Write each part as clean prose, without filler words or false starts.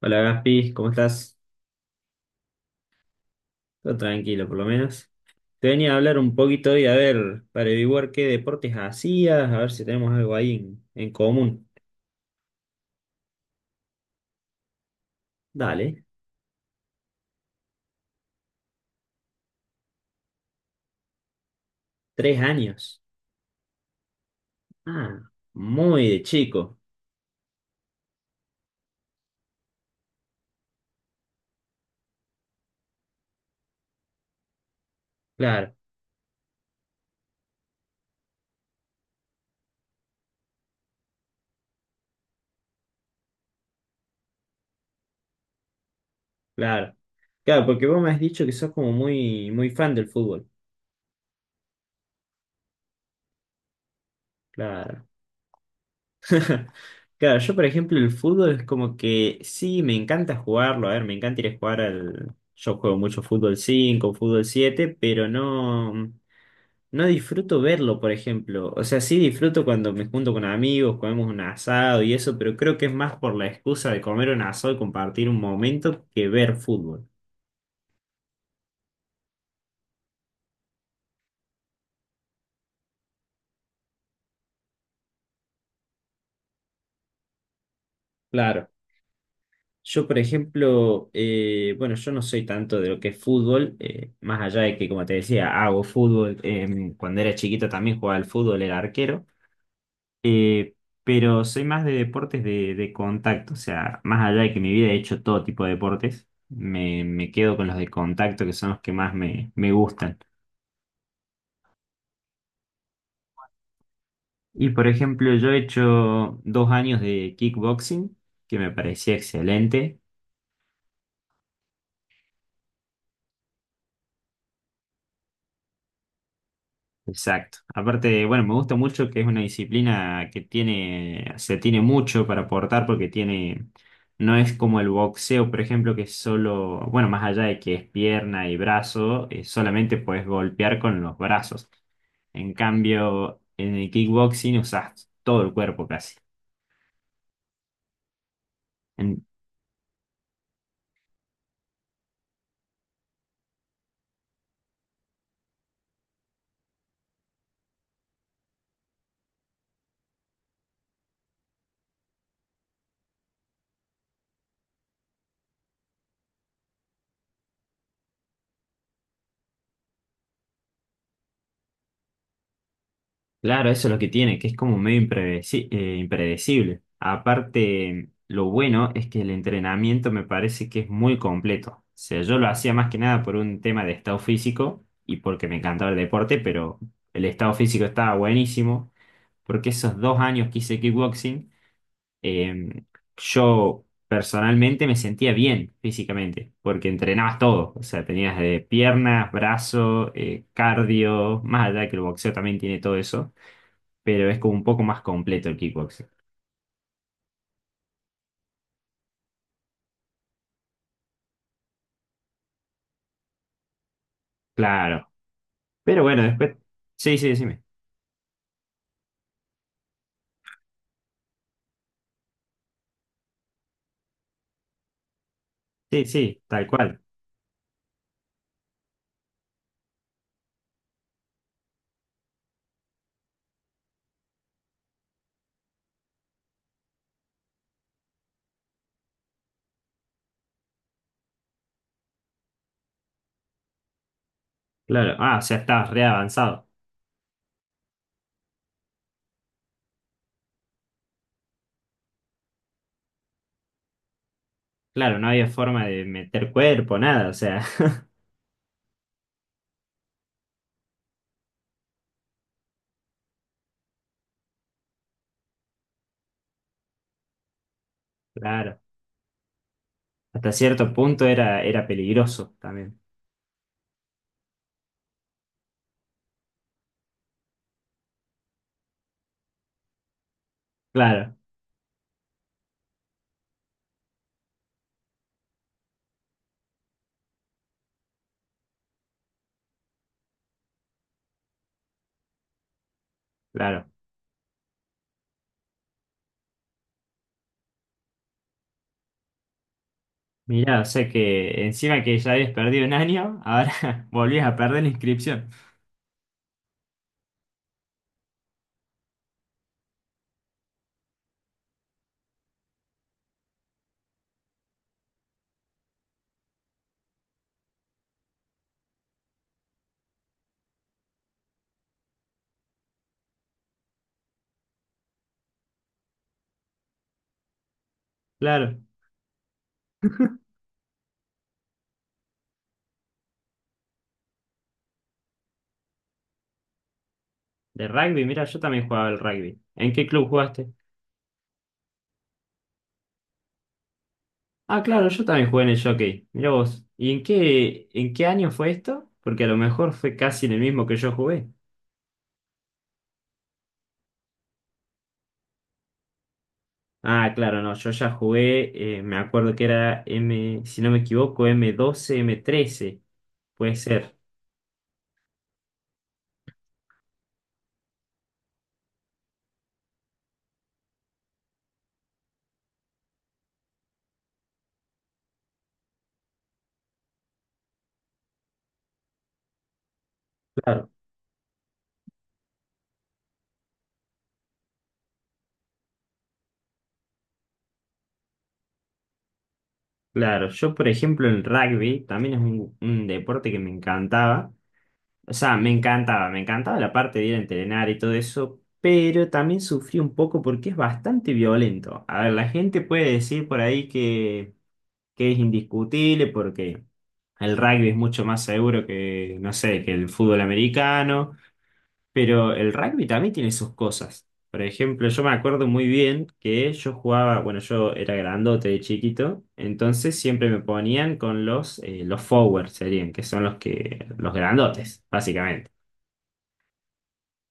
Hola Gaspi, ¿cómo estás? Todo tranquilo, por lo menos. Te venía a hablar un poquito y a ver, para averiguar qué deportes hacías, a ver si tenemos algo ahí en común. Dale, tres años. Ah, muy de chico. Claro, claro. Claro, porque vos me has dicho que sos como muy fan del fútbol. Claro. Claro, yo por ejemplo el fútbol es como que sí, me encanta jugarlo, a ver, me encanta ir a jugar al... Yo juego mucho fútbol 5 fútbol 7 pero no disfruto verlo, por ejemplo. O sea, sí disfruto cuando me junto con amigos, comemos un asado y eso, pero creo que es más por la excusa de comer un asado y compartir un momento que ver fútbol. Claro. Yo, por ejemplo, bueno, yo no soy tanto de lo que es fútbol, más allá de que, como te decía, hago fútbol. Cuando era chiquito también jugaba al fútbol, era arquero, eh, pero soy más de deportes de contacto, o sea, más allá de que mi vida he hecho todo tipo de deportes, me quedo con los de contacto, que son los que más me gustan. Y, por ejemplo, yo he hecho dos años de kickboxing, que me parecía excelente. Exacto. Aparte, bueno, me gusta mucho que es una disciplina que tiene, se tiene mucho para aportar porque tiene, no es como el boxeo, por ejemplo, que es solo, bueno, más allá de que es pierna y brazo, solamente puedes golpear con los brazos. En cambio, en el kickboxing usas todo el cuerpo casi. Claro, eso es lo que tiene, que es como medio impredecible. Aparte, lo bueno es que el entrenamiento me parece que es muy completo. O sea, yo lo hacía más que nada por un tema de estado físico y porque me encantaba el deporte, pero el estado físico estaba buenísimo, porque esos dos años que hice kickboxing, eh, yo personalmente me sentía bien físicamente, porque entrenabas todo. O sea, tenías de piernas, brazos, cardio, más allá de que el boxeo también tiene todo eso pero es como un poco más completo el kickboxing. Claro. Pero bueno, después. Sí, sí, decime. Sí, sí, tal cual. Claro. Ah, o sea, estabas re avanzado. Claro, no había forma de meter cuerpo, nada. O sea, claro. Hasta cierto punto era peligroso también. Claro, claro. Mirá, o sea que encima que ya habías perdido un año, ahora volvías a perder la inscripción. Claro. De rugby, mira, yo también jugaba al rugby. ¿En qué club jugaste? Ah, claro, yo también jugué en el Jockey. Mirá vos. ¿Y en qué año fue esto? Porque a lo mejor fue casi en el mismo que yo jugué. Ah, claro, no, yo ya jugué, me acuerdo que era M, si no me equivoco, M12, M13. Puede ser. Claro. Claro, yo por ejemplo en rugby, también es un deporte que me encantaba. O sea, me encantaba la parte de ir a entrenar y todo eso, pero también sufrí un poco porque es bastante violento. A ver, la gente puede decir por ahí que es indiscutible porque el rugby es mucho más seguro que, no sé, que el fútbol americano, pero el rugby también tiene sus cosas. Por ejemplo, yo me acuerdo muy bien que yo jugaba, bueno, yo era grandote de chiquito, entonces siempre me ponían con los forwards serían, que son los que, los grandotes, básicamente.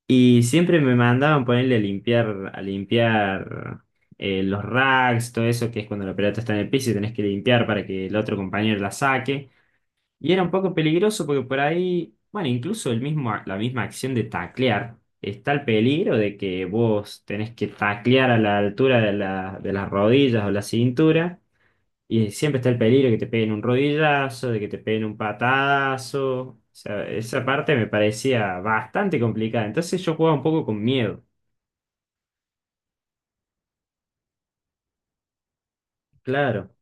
Y siempre me mandaban ponerle a limpiar los racks, todo eso, que es cuando la pelota está en el piso y tenés que limpiar para que el otro compañero la saque. Y era un poco peligroso porque por ahí, bueno, incluso el mismo, la misma acción de taclear, está el peligro de que vos tenés que taclear a la altura de las rodillas o la cintura. Y siempre está el peligro de que te peguen un rodillazo, de que te peguen un patadazo. O sea, esa parte me parecía bastante complicada. Entonces yo jugaba un poco con miedo. Claro,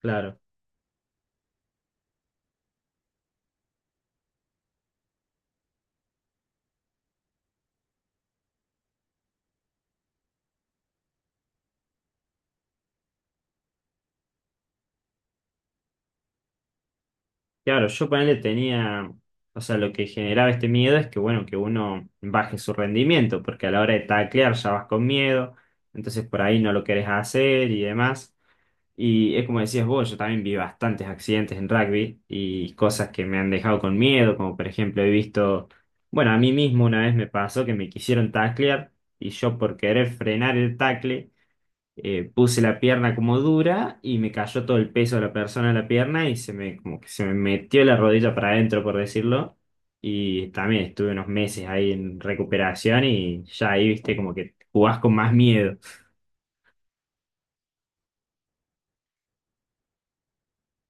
claro. Claro, yo ponele tenía. O sea, lo que generaba este miedo es que, bueno, que uno baje su rendimiento, porque a la hora de taclear ya vas con miedo, entonces por ahí no lo querés hacer y demás. Y es como decías vos, yo también vi bastantes accidentes en rugby y cosas que me han dejado con miedo, como por ejemplo he visto, bueno, a mí mismo una vez me pasó que me quisieron taclear y yo por querer frenar el tacle puse la pierna como dura y me cayó todo el peso de la persona en la pierna y se me, como que se me metió la rodilla para adentro, por decirlo. Y también estuve unos meses ahí en recuperación y ya ahí, viste, como que jugás con más miedo.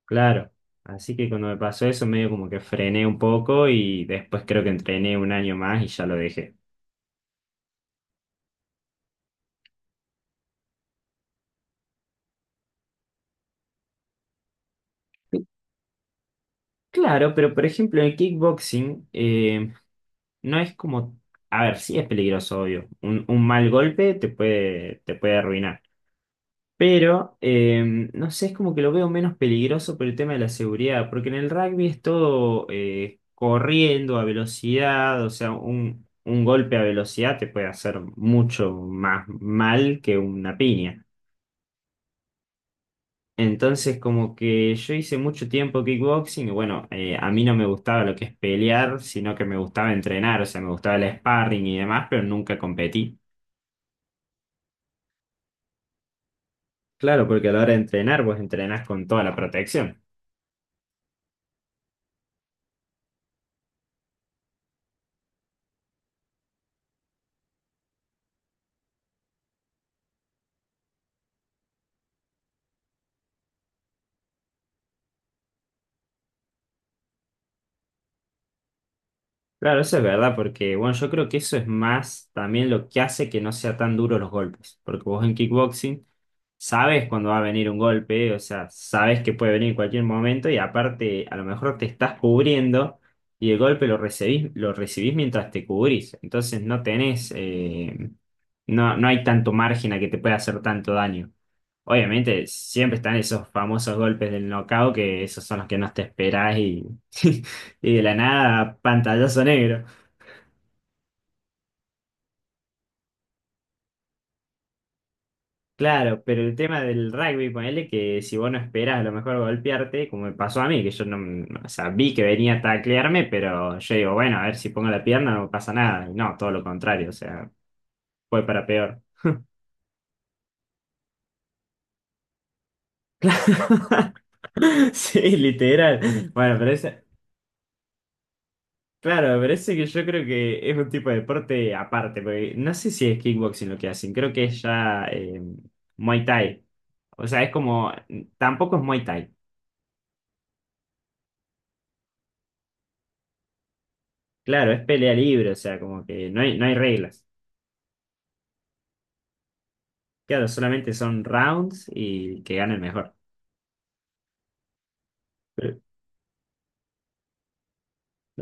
Claro, así que cuando me pasó eso medio como que frené un poco y después creo que entrené un año más y ya lo dejé. Claro, pero por ejemplo en el kickboxing no es como, a ver, sí es peligroso, obvio, un mal golpe te puede arruinar. Pero, no sé, es como que lo veo menos peligroso por el tema de la seguridad, porque en el rugby es todo corriendo a velocidad, o sea, un golpe a velocidad te puede hacer mucho más mal que una piña. Entonces, como que yo hice mucho tiempo kickboxing y bueno, a mí no me gustaba lo que es pelear, sino que me gustaba entrenar, o sea, me gustaba el sparring y demás, pero nunca competí. Claro, porque a la hora de entrenar, vos entrenás con toda la protección. Claro, eso es verdad, porque bueno, yo creo que eso es más también lo que hace que no sea tan duro los golpes. Porque vos en kickboxing sabes cuando va a venir un golpe, o sea, sabes que puede venir en cualquier momento y aparte a lo mejor te estás cubriendo y el golpe lo recibís mientras te cubrís. Entonces no tenés, no hay tanto margen a que te pueda hacer tanto daño. Obviamente siempre están esos famosos golpes del knockout que esos son los que no te esperás y, y de la nada pantallazo negro. Claro, pero el tema del rugby, ponele que si vos no esperás a lo mejor golpearte, como me pasó a mí, que yo no, no, o sea, vi que venía a taclearme, pero yo digo, bueno, a ver si pongo la pierna no pasa nada. Y no, todo lo contrario, o sea, fue para peor. Claro. Sí, literal. Bueno, pero ese, claro, pero ese que yo creo que es un tipo de deporte aparte, porque no sé si es kickboxing lo que hacen, creo que es ya Muay Thai. O sea, es como, tampoco es Muay Thai. Claro, es pelea libre, o sea, como que no hay reglas. Claro, solamente son rounds y que gane el mejor. Pero,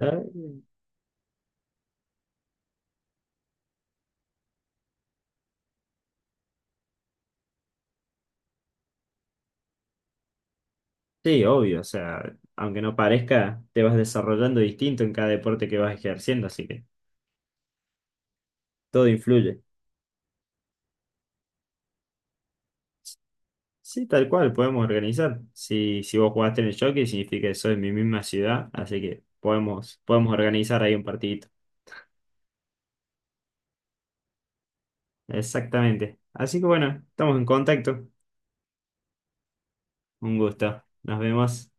ah, sí, obvio, o sea, aunque no parezca, te vas desarrollando distinto en cada deporte que vas ejerciendo, así que todo influye. Sí, tal cual, podemos organizar. Si, si vos jugaste en el jockey, significa que soy de mi misma ciudad, así que podemos, podemos organizar ahí un partidito. Exactamente. Así que bueno, estamos en contacto. Un gusto. Nos vemos.